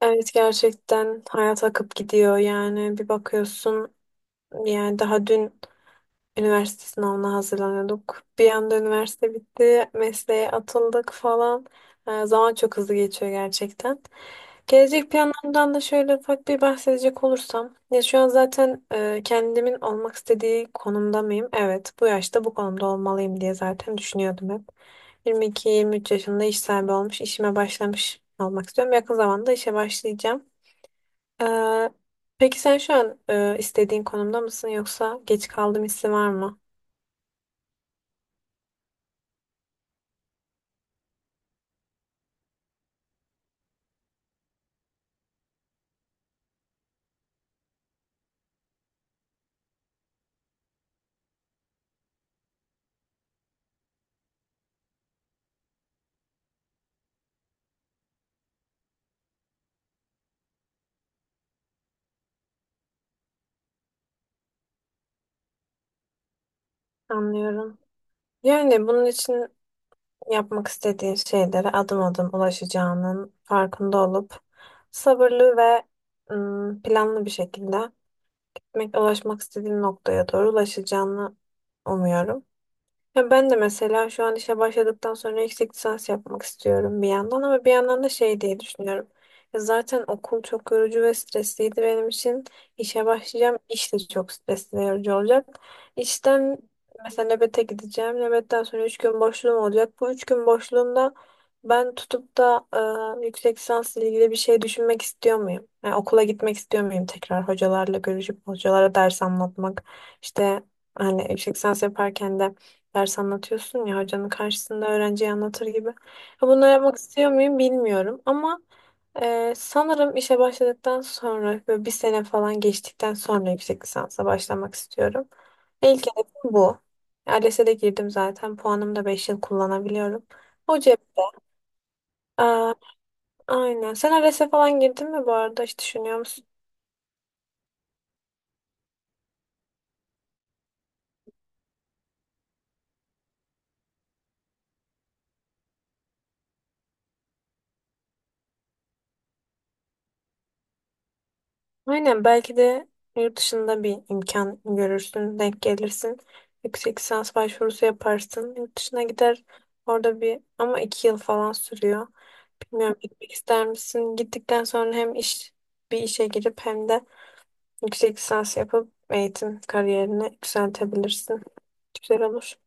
Evet gerçekten hayat akıp gidiyor yani bir bakıyorsun yani daha dün üniversite sınavına hazırlanıyorduk. Bir anda üniversite bitti, mesleğe atıldık falan. Zaman çok hızlı geçiyor gerçekten. Gelecek planlarımdan da şöyle ufak bir bahsedecek olursam. Ya şu an zaten kendimin olmak istediği konumda mıyım? Evet bu yaşta bu konumda olmalıyım diye zaten düşünüyordum hep. 22-23 yaşında iş sahibi olmuş, işime başlamış olmak istiyorum. Yakın zamanda işe başlayacağım. Ee, peki sen şu an istediğin konumda mısın yoksa geç kaldım hissi var mı? Anlıyorum. Yani bunun için yapmak istediğin şeylere adım adım ulaşacağının farkında olup sabırlı ve planlı bir şekilde ulaşmak istediğin noktaya doğru ulaşacağını umuyorum. Ya ben de mesela şu an işe başladıktan sonra yüksek lisans yapmak istiyorum bir yandan ama bir yandan da şey diye düşünüyorum. Ya zaten okul çok yorucu ve stresliydi benim için. İşe başlayacağım. İş de çok stresli ve yorucu olacak. İşten mesela nöbete gideceğim. Nöbetten sonra 3 gün boşluğum olacak. Bu 3 gün boşluğumda ben tutup da yüksek lisansla ilgili bir şey düşünmek istiyor muyum? Yani okula gitmek istiyor muyum tekrar hocalarla görüşüp hocalara ders anlatmak? İşte hani yüksek lisans yaparken de ders anlatıyorsun ya hocanın karşısında öğrenciye anlatır gibi. Ya bunları yapmak istiyor muyum bilmiyorum ama sanırım işe başladıktan sonra böyle bir sene falan geçtikten sonra yüksek lisansa başlamak istiyorum. İlk hedefim bu. ALES'e de girdim zaten. Puanımı da 5 yıl kullanabiliyorum. O cepte. Aa, aynen. Sen ALES'e falan girdin mi bu arada? Hiç düşünüyor musun? Aynen, belki de yurt dışında bir imkan görürsün, denk gelirsin. Yüksek lisans başvurusu yaparsın. Yurt dışına gider, orada bir ama iki yıl falan sürüyor. Bilmiyorum, gitmek ister misin? Gittikten sonra hem iş bir işe girip hem de yüksek lisans yapıp eğitim kariyerini yükseltebilirsin. Güzel olur.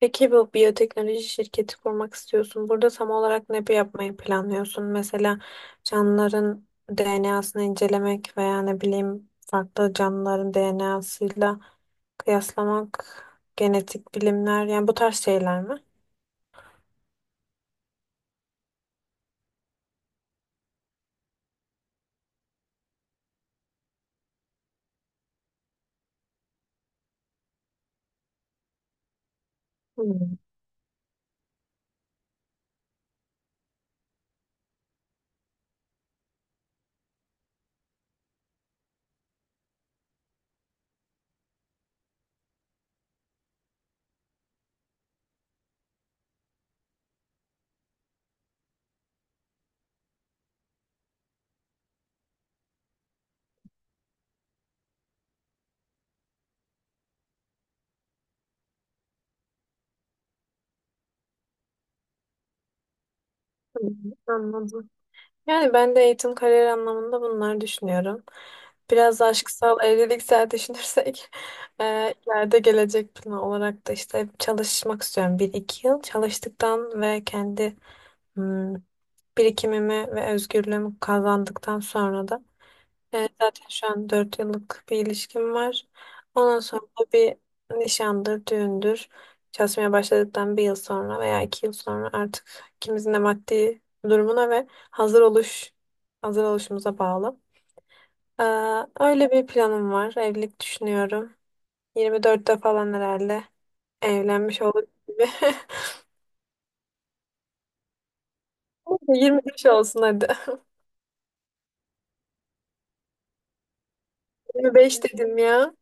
Peki bu biyoteknoloji şirketi kurmak istiyorsun. Burada tam olarak ne yapmayı planlıyorsun? Mesela canlıların DNA'sını incelemek veya ne bileyim farklı canlıların DNA'sıyla kıyaslamak, genetik bilimler yani bu tarz şeyler mi? Hmm. Hı, anladım. Yani ben de eğitim kariyer anlamında bunlar düşünüyorum. Biraz da aşksal evliliksel düşünürsek ileride gelecek planı olarak da işte çalışmak istiyorum. Bir iki yıl çalıştıktan ve kendi hmm, birikimimi ve özgürlüğümü kazandıktan sonra da zaten şu an 4 yıllık bir ilişkim var. Ondan sonra bir nişandır, düğündür. Çalışmaya başladıktan bir yıl sonra veya iki yıl sonra artık ikimizin de maddi durumuna ve hazır oluşumuza bağlı. Ee, Öyle bir planım var. Evlilik düşünüyorum. 24'te falan herhalde evlenmiş olur gibi. 25 olsun hadi. 25 dedim ya.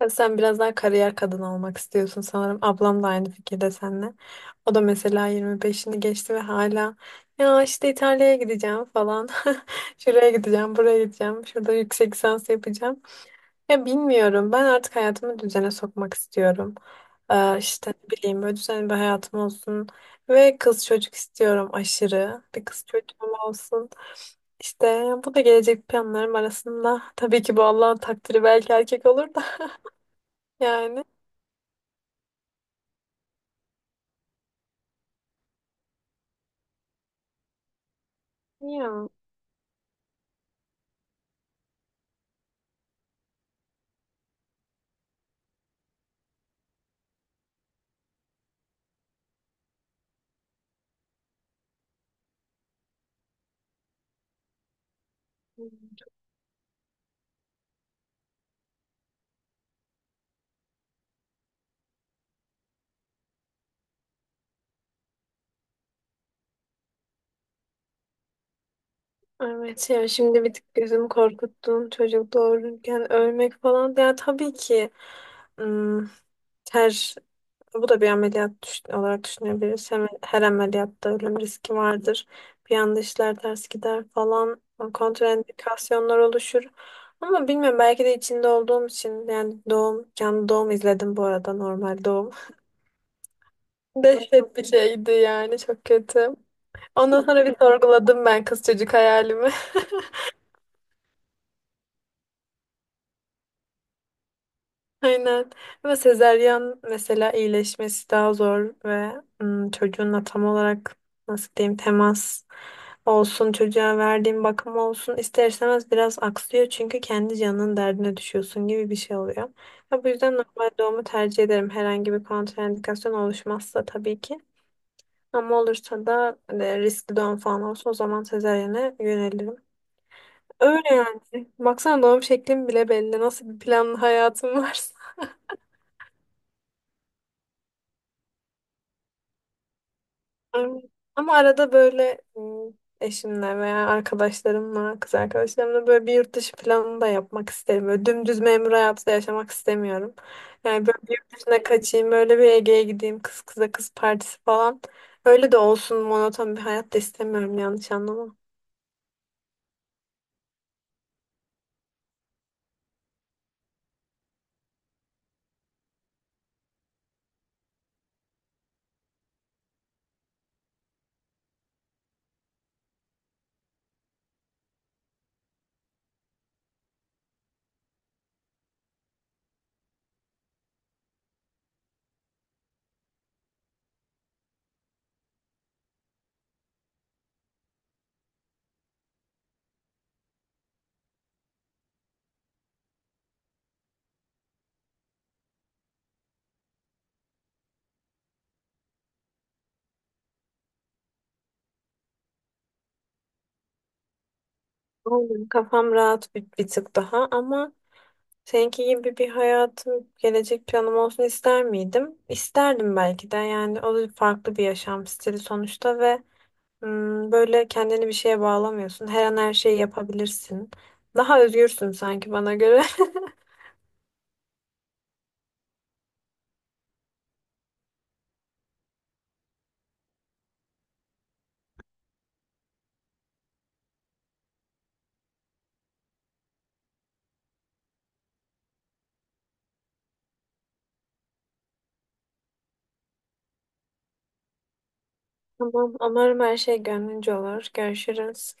Ya sen biraz daha kariyer kadını olmak istiyorsun sanırım. Ablam da aynı fikirde seninle. O da mesela 25'ini geçti ve hala ya işte İtalya'ya gideceğim falan. Şuraya gideceğim, buraya gideceğim. Şurada yüksek lisans yapacağım. Ya bilmiyorum. Ben artık hayatımı düzene sokmak istiyorum. İşte ne bileyim böyle düzenli bir hayatım olsun. Ve kız çocuk istiyorum aşırı. Bir kız çocuğum olsun. İşte bu da gelecek planlarım arasında. Tabii ki bu Allah'ın takdiri, belki erkek olur da. Yani ya evet, ya şimdi bir tık gözümü korkuttun, çocuk doğururken ölmek falan. Ya tabii ki ım, her bu da bir ameliyat olarak düşünebiliriz. Hem, her ameliyatta ölüm riski vardır. Bir anda işler ters gider falan, kontraindikasyonlar oluşur. Ama bilmiyorum, belki de içinde olduğum için. Yani doğum, canlı doğum izledim bu arada, normal doğum. Dehşet bir şeydi yani, çok kötü. Ondan sonra bir sorguladım ben kız çocuk hayalimi. Aynen. Ama sezeryan mesela iyileşmesi daha zor ve çocuğunla tam olarak nasıl diyeyim, temas olsun, çocuğa verdiğin bakım olsun ister istemez biraz aksıyor çünkü kendi canının derdine düşüyorsun gibi bir şey oluyor. Ya bu yüzden normal doğumu tercih ederim. Herhangi bir kontraindikasyon oluşmazsa tabii ki. Ama olursa da riskli doğum falan olsa o zaman sezaryene yönelirim. Öyle yani. Baksana, doğum şeklim bile belli. Nasıl bir planlı hayatım varsa. Ama ama arada böyle eşimle veya arkadaşlarımla, kız arkadaşlarımla böyle bir yurt dışı planı da yapmak isterim. Böyle dümdüz memur hayatı da yaşamak istemiyorum. Yani böyle bir yurt dışına kaçayım, böyle bir Ege'ye gideyim, kız kıza kız partisi falan. Öyle de olsun, monoton bir hayat da istemiyorum, yanlış anlama. Aynen. Kafam rahat bir tık daha, ama seninki gibi bir hayatım, gelecek planım olsun ister miydim? İsterdim belki de. Yani o da farklı bir yaşam stili sonuçta ve böyle kendini bir şeye bağlamıyorsun. Her an her şeyi yapabilirsin. Daha özgürsün sanki bana göre. Tamam, umarım her şey gönlünce olur. Görüşürüz.